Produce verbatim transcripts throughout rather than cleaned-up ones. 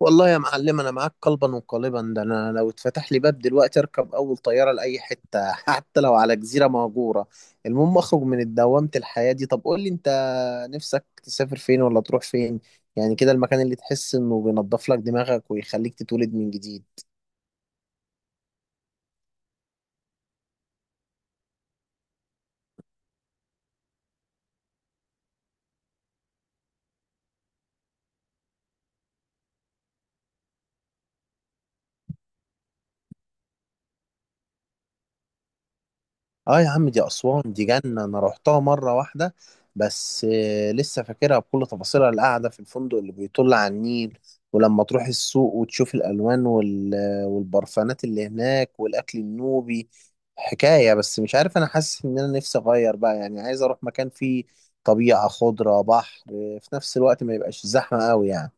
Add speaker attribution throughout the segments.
Speaker 1: والله يا معلم، انا معاك قلبا وقالبا. ده انا لو اتفتح لي باب دلوقتي اركب اول طياره لاي حته حتى لو على جزيره مهجوره. المهم اخرج من دوامه الحياه دي. طب قول لي انت، نفسك تسافر فين ولا تروح فين؟ يعني كده المكان اللي تحس انه بينضف لك دماغك ويخليك تتولد من جديد. اه يا عم، دي اسوان دي جنه. انا روحتها مره واحده بس آه، لسه فاكرها بكل تفاصيلها، القعده في الفندق اللي بيطل على النيل. ولما تروح السوق وتشوف الالوان وال... والبرفانات اللي هناك والاكل النوبي حكايه. بس مش عارف، انا حاسس ان انا نفسي اغير بقى، يعني عايز اروح مكان فيه طبيعه، خضره، بحر، آه، في نفس الوقت ما يبقاش زحمه قوي يعني.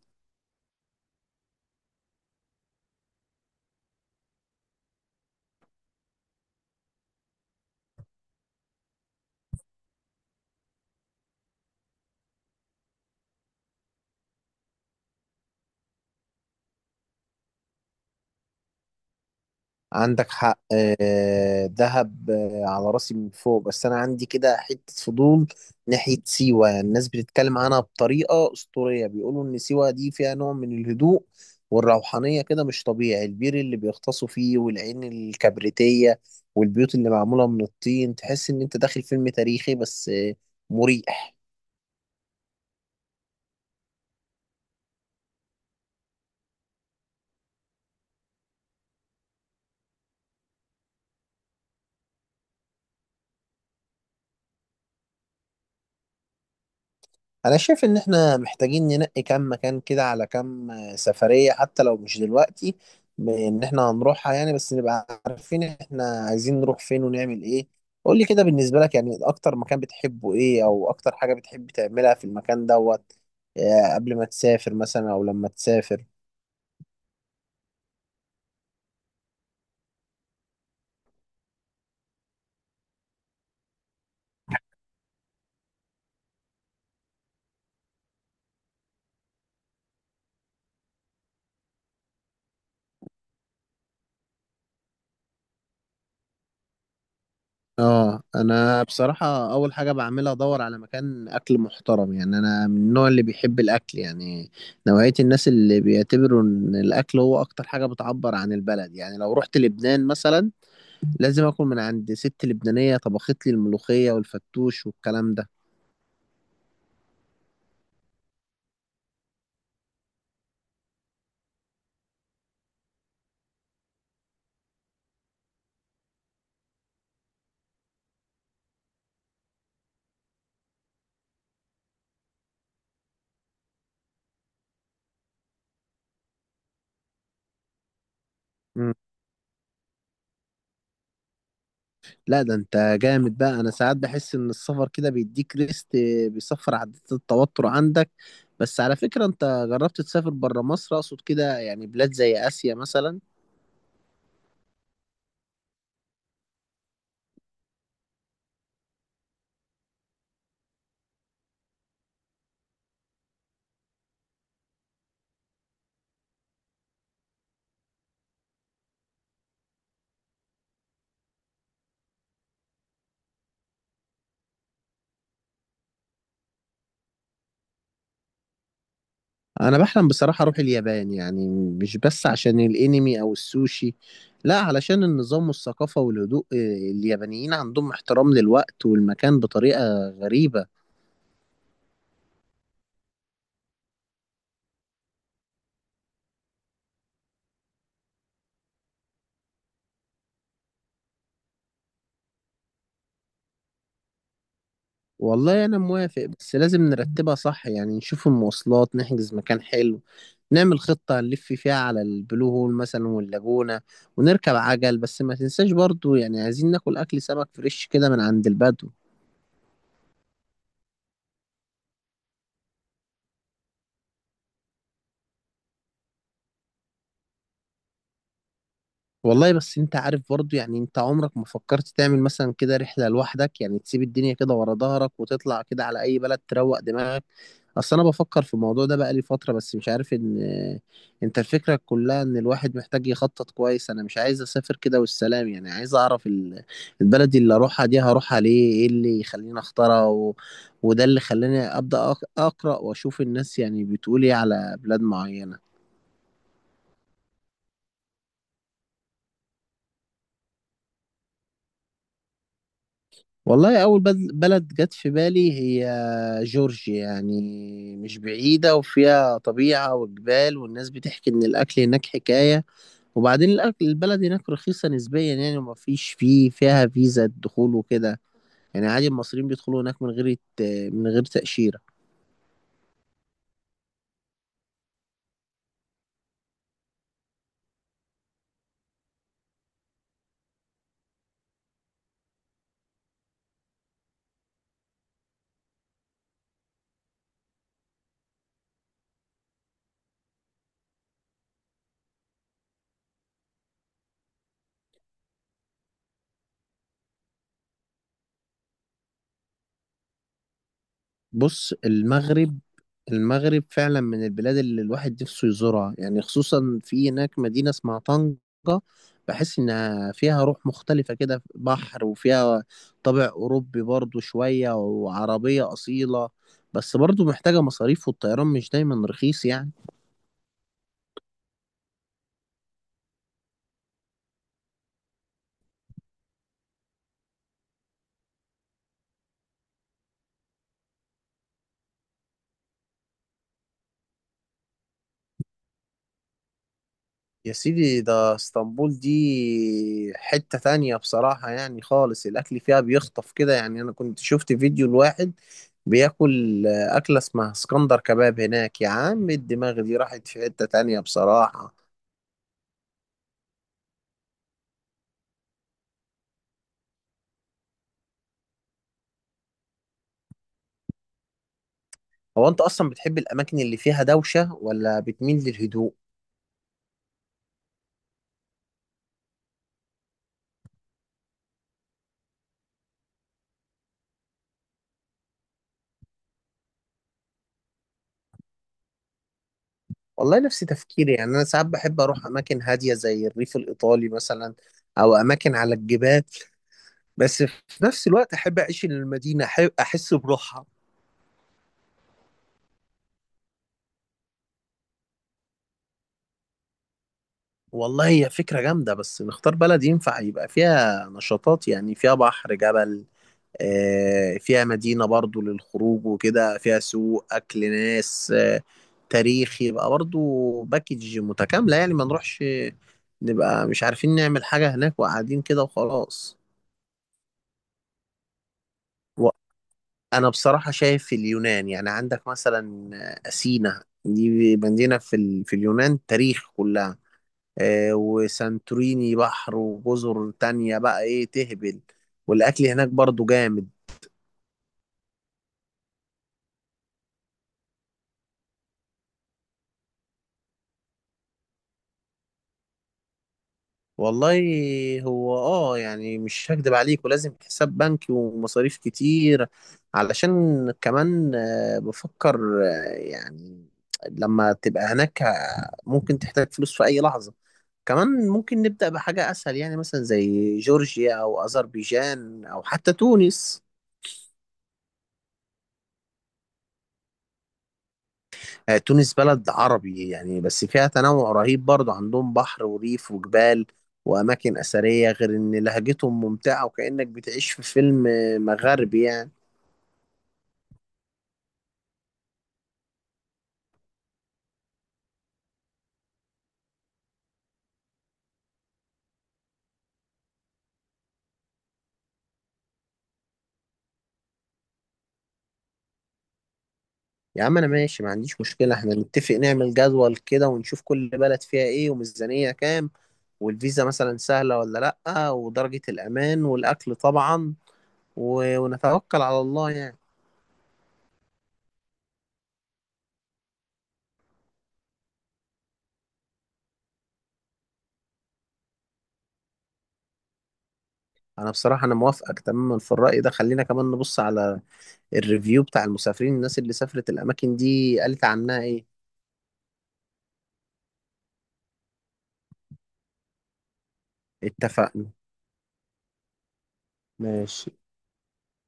Speaker 1: عندك حق، آه، دهب آه، على راسي من فوق، بس انا عندي كده حتة فضول ناحية سيوة. يعني الناس بتتكلم عنها بطريقة أسطورية، بيقولوا ان سيوة دي فيها نوع من الهدوء والروحانية كده مش طبيعي. البير اللي بيغطسوا فيه والعين الكبريتية والبيوت اللي معمولة من الطين، تحس ان انت داخل فيلم تاريخي بس آه، مريح. انا شايف ان احنا محتاجين ننقي كام مكان كده على كام آه، سفرية، حتى لو مش دلوقتي ب- ان احنا هنروحها، يعني بس نبقى عارفين احنا عايزين نروح فين ونعمل ايه. قول لي كده، بالنسبة لك يعني اكتر مكان بتحبه ايه او اكتر حاجة بتحب تعملها في المكان دوت، آه، قبل ما تسافر مثلا او لما تسافر؟ اه، انا بصراحة اول حاجة بعملها ادور على مكان اكل محترم، يعني انا من النوع اللي بيحب الاكل، يعني نوعية الناس اللي بيعتبروا ان الاكل هو اكتر حاجة بتعبر عن البلد. يعني لو رحت لبنان مثلا لازم اكل من عند ست لبنانية طبخت لي الملوخية والفتوش والكلام ده. مم. لا، ده انت جامد بقى. انا ساعات بحس ان السفر كده بيديك ريست، بيصفر عدات التوتر عندك. بس على فكرة انت جربت تسافر برا مصر؟ اقصد كده، يعني بلاد زي اسيا مثلا؟ انا بحلم بصراحة اروح اليابان، يعني مش بس عشان الانمي او السوشي، لا علشان النظام والثقافة والهدوء. آه، اليابانيين عندهم احترام للوقت والمكان بطريقة غريبة. والله انا موافق، بس لازم نرتبها صح، يعني نشوف المواصلات، نحجز مكان حلو، نعمل خطة نلف فيها على البلو هول مثلا واللاجونة ونركب عجل. بس ما تنساش برضو، يعني عايزين ناكل اكل سمك فريش كده من عند البدو. والله بس انت عارف برضو، يعني انت عمرك ما فكرت تعمل مثلا كده رحلة لوحدك؟ يعني تسيب الدنيا كده ورا ظهرك وتطلع كده على اي بلد تروق دماغك. اصل انا بفكر في الموضوع ده بقالي فترة بس مش عارف. ان انت، الفكرة كلها ان الواحد محتاج يخطط كويس، انا مش عايز اسافر كده والسلام، يعني عايز اعرف ال- البلد اللي اروحها دي هروحها ليه، ايه اللي يخليني اختارها و... وده اللي خلاني ابدا أق- اقرا واشوف الناس يعني بتقول ايه على بلاد معينة. والله، أول بل- بلد جت في بالي هي جورجيا، يعني مش بعيدة وفيها طبيعة وجبال والناس بتحكي إن الأكل هناك حكاية. وبعدين الأكل البلد هناك رخيصة نسبيا يعني، وما فيش فيه فيها فيزا دخول وكده. يعني عادي المصريين بيدخلوا هناك من غير يت- من غير تأشيرة. بص، المغرب المغرب فعلا من البلاد اللي الواحد نفسه يزورها، يعني خصوصا في هناك مدينة اسمها طنجة، بحس إنها فيها روح مختلفة كده، بحر وفيها طابع أوروبي برضو شوية وعربية أصيلة. بس برضو محتاجة مصاريف والطيران مش دايما رخيص يعني. يا سيدي ده اسطنبول دي حتة تانية بصراحة، يعني خالص الأكل فيها بيخطف كده، يعني أنا كنت شفت فيديو لواحد بياكل آه، أكلة اسمها اسكندر كباب هناك، يا عم الدماغ دي راحت في حتة تانية بصراحة. هو أنت أصلا بتحب الأماكن اللي فيها دوشة ولا بتميل للهدوء؟ والله نفس تفكيري، يعني أنا ساعات بحب أروح أماكن هادية زي الريف الإيطالي مثلا، أو أماكن على الجبال، بس في نفس الوقت أحب أعيش المدينة، أحب أحس بروحها. والله هي فكرة جامدة، بس نختار بلد ينفع يبقى فيها نشاطات، يعني فيها بحر، جبل، آه، فيها مدينة برضو للخروج وكده، فيها سوق، أكل، ناس، آه، تاريخ يبقى برضو، باكج متكاملة، يعني ما نروحش نبقى مش عارفين نعمل حاجة هناك وقاعدين كده وخلاص. وأنا بصراحة شايف اليونان، يعني عندك مثلا آه، أثينا دي مدينة في ال- في اليونان تاريخ كلها، آه، وسانتوريني بحر وجزر تانية بقى ايه تهبل، والاكل هناك برضو جامد. والله، هو اه يعني مش هكدب عليك، ولازم حساب بنكي ومصاريف كتير علشان. كمان آه، بفكر آه، يعني لما تبقى هناك آه، ممكن تحتاج فلوس في اي لحظة. كمان ممكن نبدأ بحاجة اسهل، يعني مثلا زي جورجيا او اذربيجان او حتى تونس. آه، تونس بلد عربي يعني، بس فيها تنوع رهيب برضه، عندهم بحر وريف وجبال وأماكن أثرية، غير إن لهجتهم ممتعة وكأنك بتعيش في فيلم آه، مغربي يعني. يا عم أنا ماشي، ما عنديش مشكلة. إحنا نتفق، نعمل جدول كده ونشوف كل بلد فيها إيه وميزانية كام، والفيزا مثلا سهلة ولا لأ، ودرجة الأمان والأكل طبعا، و- ونتوكل على الله يعني. أنا بصراحة أنا موافقك تماما في الرأي ده، خلينا كمان نبص على الريفيو بتاع المسافرين، الناس اللي سافرت الأماكن دي قالت عنها إيه. اتفقنا. ماشي.